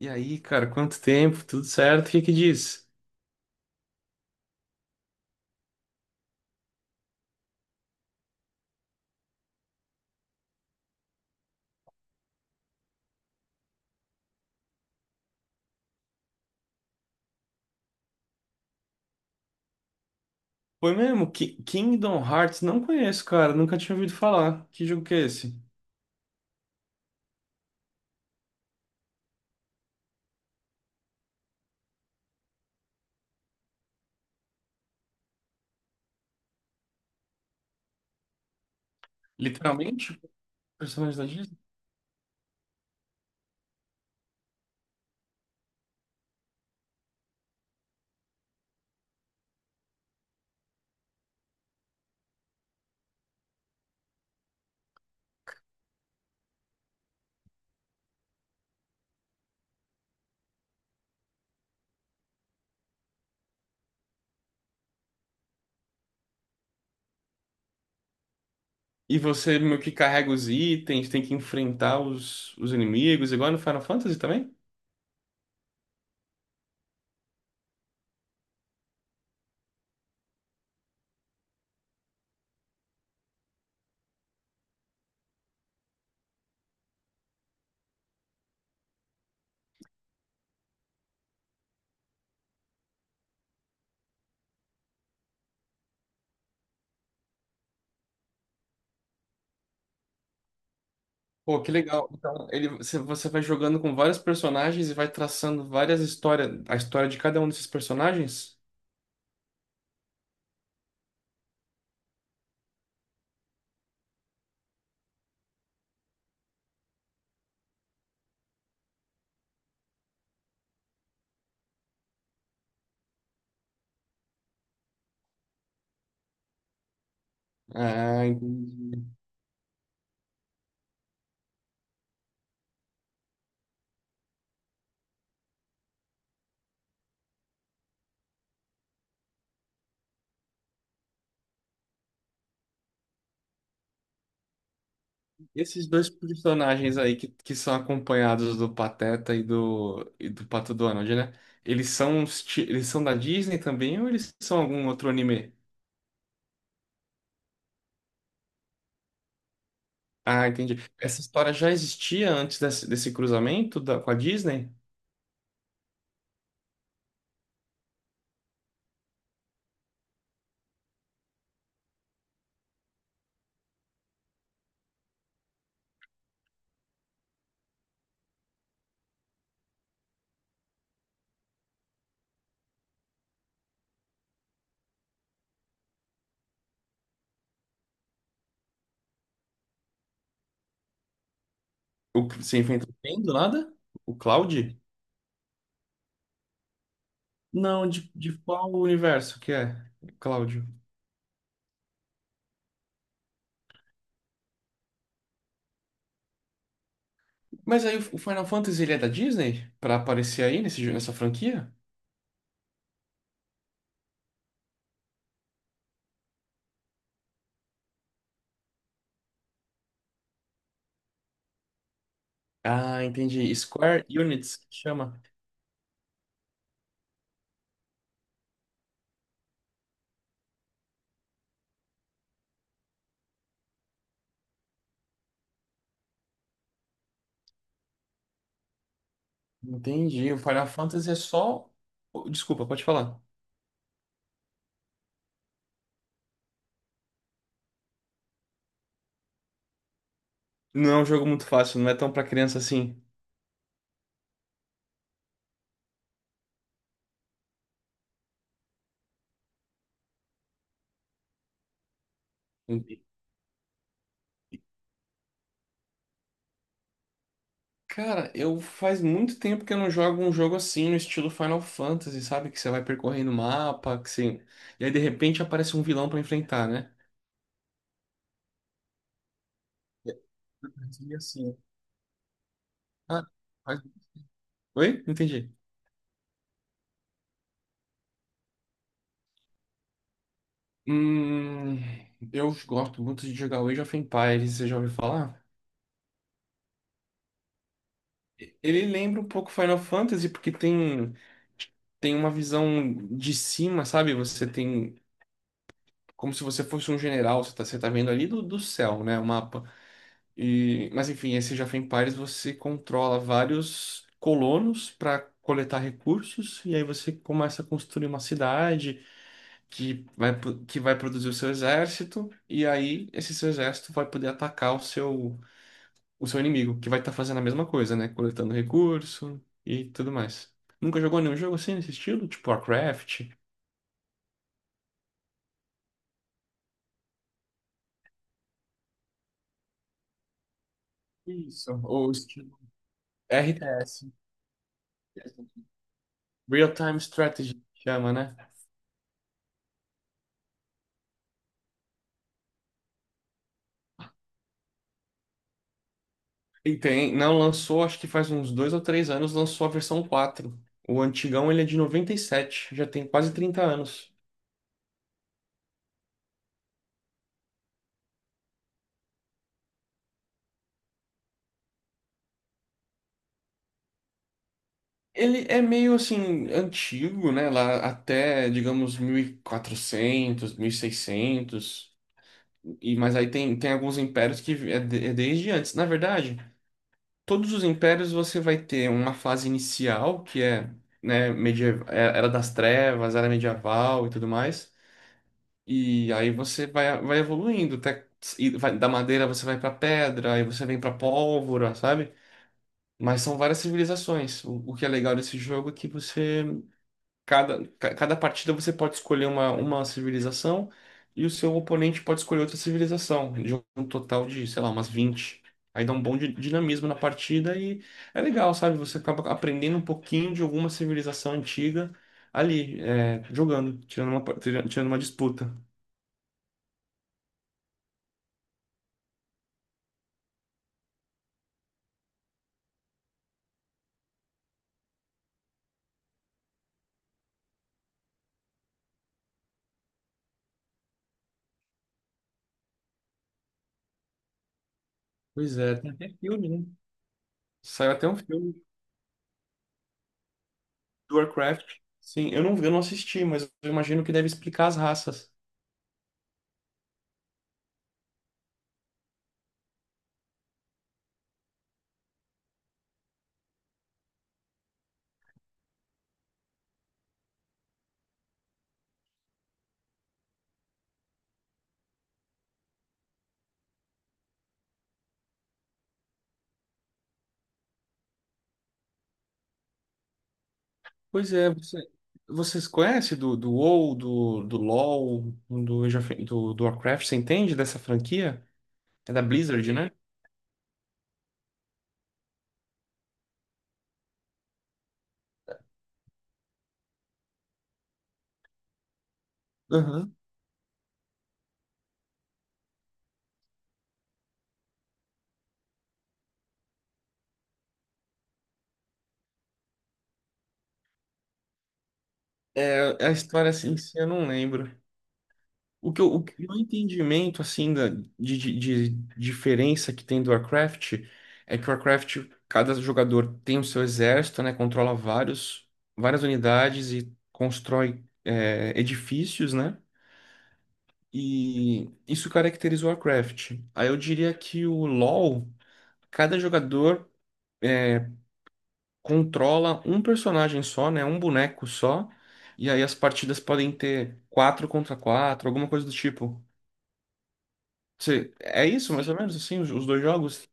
E aí, cara, quanto tempo? Tudo certo? O que que diz? Foi mesmo? Kingdom Hearts? Não conheço, cara. Nunca tinha ouvido falar. Que jogo que é esse? Literalmente? Personagem da Disney? E você meio que carrega os itens, tem que enfrentar os inimigos, igual no Final Fantasy também? Pô, que legal. Então, ele, você vai jogando com vários personagens e vai traçando várias histórias, a história de cada um desses personagens? Ah, entendi. E esses dois personagens aí que são acompanhados do Pateta e do Pato Donald, né? Eles são, eles são da Disney também ou eles são algum outro anime? Ah, entendi. Essa história já existia antes desse, desse cruzamento da, com a Disney? O que você inventou bem do nada? O Cloud? Não, de qual universo que é? Cláudio. Mas aí o Final Fantasy ele é da Disney? Pra aparecer aí nessa franquia? Ah, entendi. Square Units que chama. Entendi. O Final Fantasy é só. Oh, desculpa, pode falar. Não é um jogo muito fácil, não é tão pra criança assim. Entendi. Cara, eu faz muito tempo que eu não jogo um jogo assim, no estilo Final Fantasy, sabe? Que você vai percorrendo o mapa, que você... E aí, de repente, aparece um vilão pra enfrentar, né? É, eu pensei assim. Ah, faz- oi? Não entendi. Hum, eu gosto muito de jogar Age of Empires, você já ouviu falar? Ele lembra um pouco Final Fantasy, porque tem, tem uma visão de cima, sabe? Você tem. Como se você fosse um general, você tá vendo ali do céu, né? O mapa. E, mas enfim, esse Age of Empires você controla vários colonos para coletar recursos, e aí você começa a construir uma cidade que que vai produzir o seu exército, e aí esse seu exército vai poder atacar o seu inimigo, que vai estar fazendo a mesma coisa, né? Coletando recurso e tudo mais. Nunca jogou nenhum jogo assim nesse estilo? Tipo Warcraft? Isso, o estilo RTS. Real-time strategy que chama, né? E tem, não lançou, acho que faz uns dois ou três anos, lançou a versão 4. O antigão ele é de 97, já tem quase 30 anos. Ele é meio assim antigo, né? Lá até, digamos, 1400, 1600. E, mas aí tem, tem alguns impérios que é, é desde antes. Na verdade, todos os impérios você vai ter uma fase inicial, que é, né, medieval, era das trevas, era medieval e tudo mais. E aí você vai, vai evoluindo, até, e da madeira você vai pra pedra, aí você vem pra pólvora, sabe? Mas são várias civilizações. O que é legal desse jogo é que você cada partida você pode escolher uma civilização e o seu oponente pode escolher outra civilização, de um total de, sei lá, umas vinte. Aí dá um bom dinamismo na partida e é legal, sabe? Você acaba aprendendo um pouquinho de alguma civilização antiga ali, é, jogando, tirando uma disputa. Pois é, tem até filme, né? Saiu até um filme do Warcraft. Sim, eu não assisti, mas eu imagino que deve explicar as raças. Pois é, você, vocês conhecem do WoW, do LoL, do, do Warcraft? Você entende dessa franquia? É da Blizzard, né? Aham. É, a história assim, em si eu não lembro. O que eu, o que- o entendimento, assim, de diferença que tem do Warcraft é que o Warcraft, cada jogador tem o seu exército, né? Controla vários, várias unidades e constrói, é, edifícios, né? E isso caracterizou a Craft. Aí eu diria que o LoL, cada jogador é, controla um personagem só, né? Um boneco só. E aí as partidas podem ter quatro contra quatro, alguma coisa do tipo. Você, é isso, mais ou menos, assim, os dois jogos?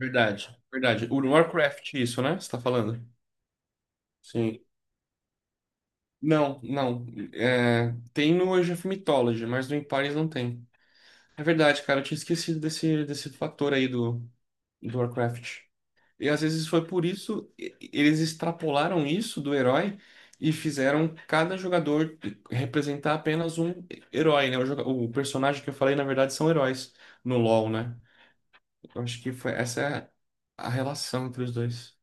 Verdade, verdade. O Warcraft, isso, né? Você tá falando? Sim. Não, não. É, tem no Age of Mythology, mas no Empires não tem. É verdade, cara. Eu tinha esquecido desse, desse fator aí do, do Warcraft. E às vezes foi por isso, eles extrapolaram isso do herói e fizeram cada jogador representar apenas um herói, né? O, o personagem que eu falei, na verdade, são heróis no LoL, né? Eu acho que foi, essa é a relação entre os dois.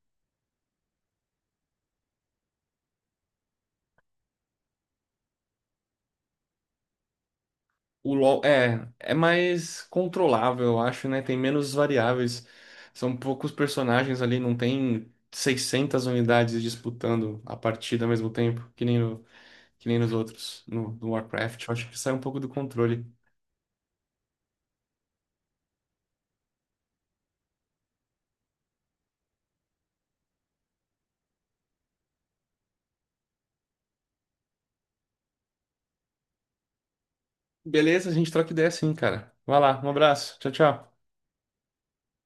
O LoL é, é mais controlável, eu acho, né? Tem menos variáveis. São poucos personagens ali, não tem 600 unidades disputando a partida ao mesmo tempo, que nem no que nem nos outros, no, no Warcraft. Eu acho que sai um pouco do controle. Beleza, a gente troca ideia sim, cara. Vai lá, um abraço. Tchau, tchau.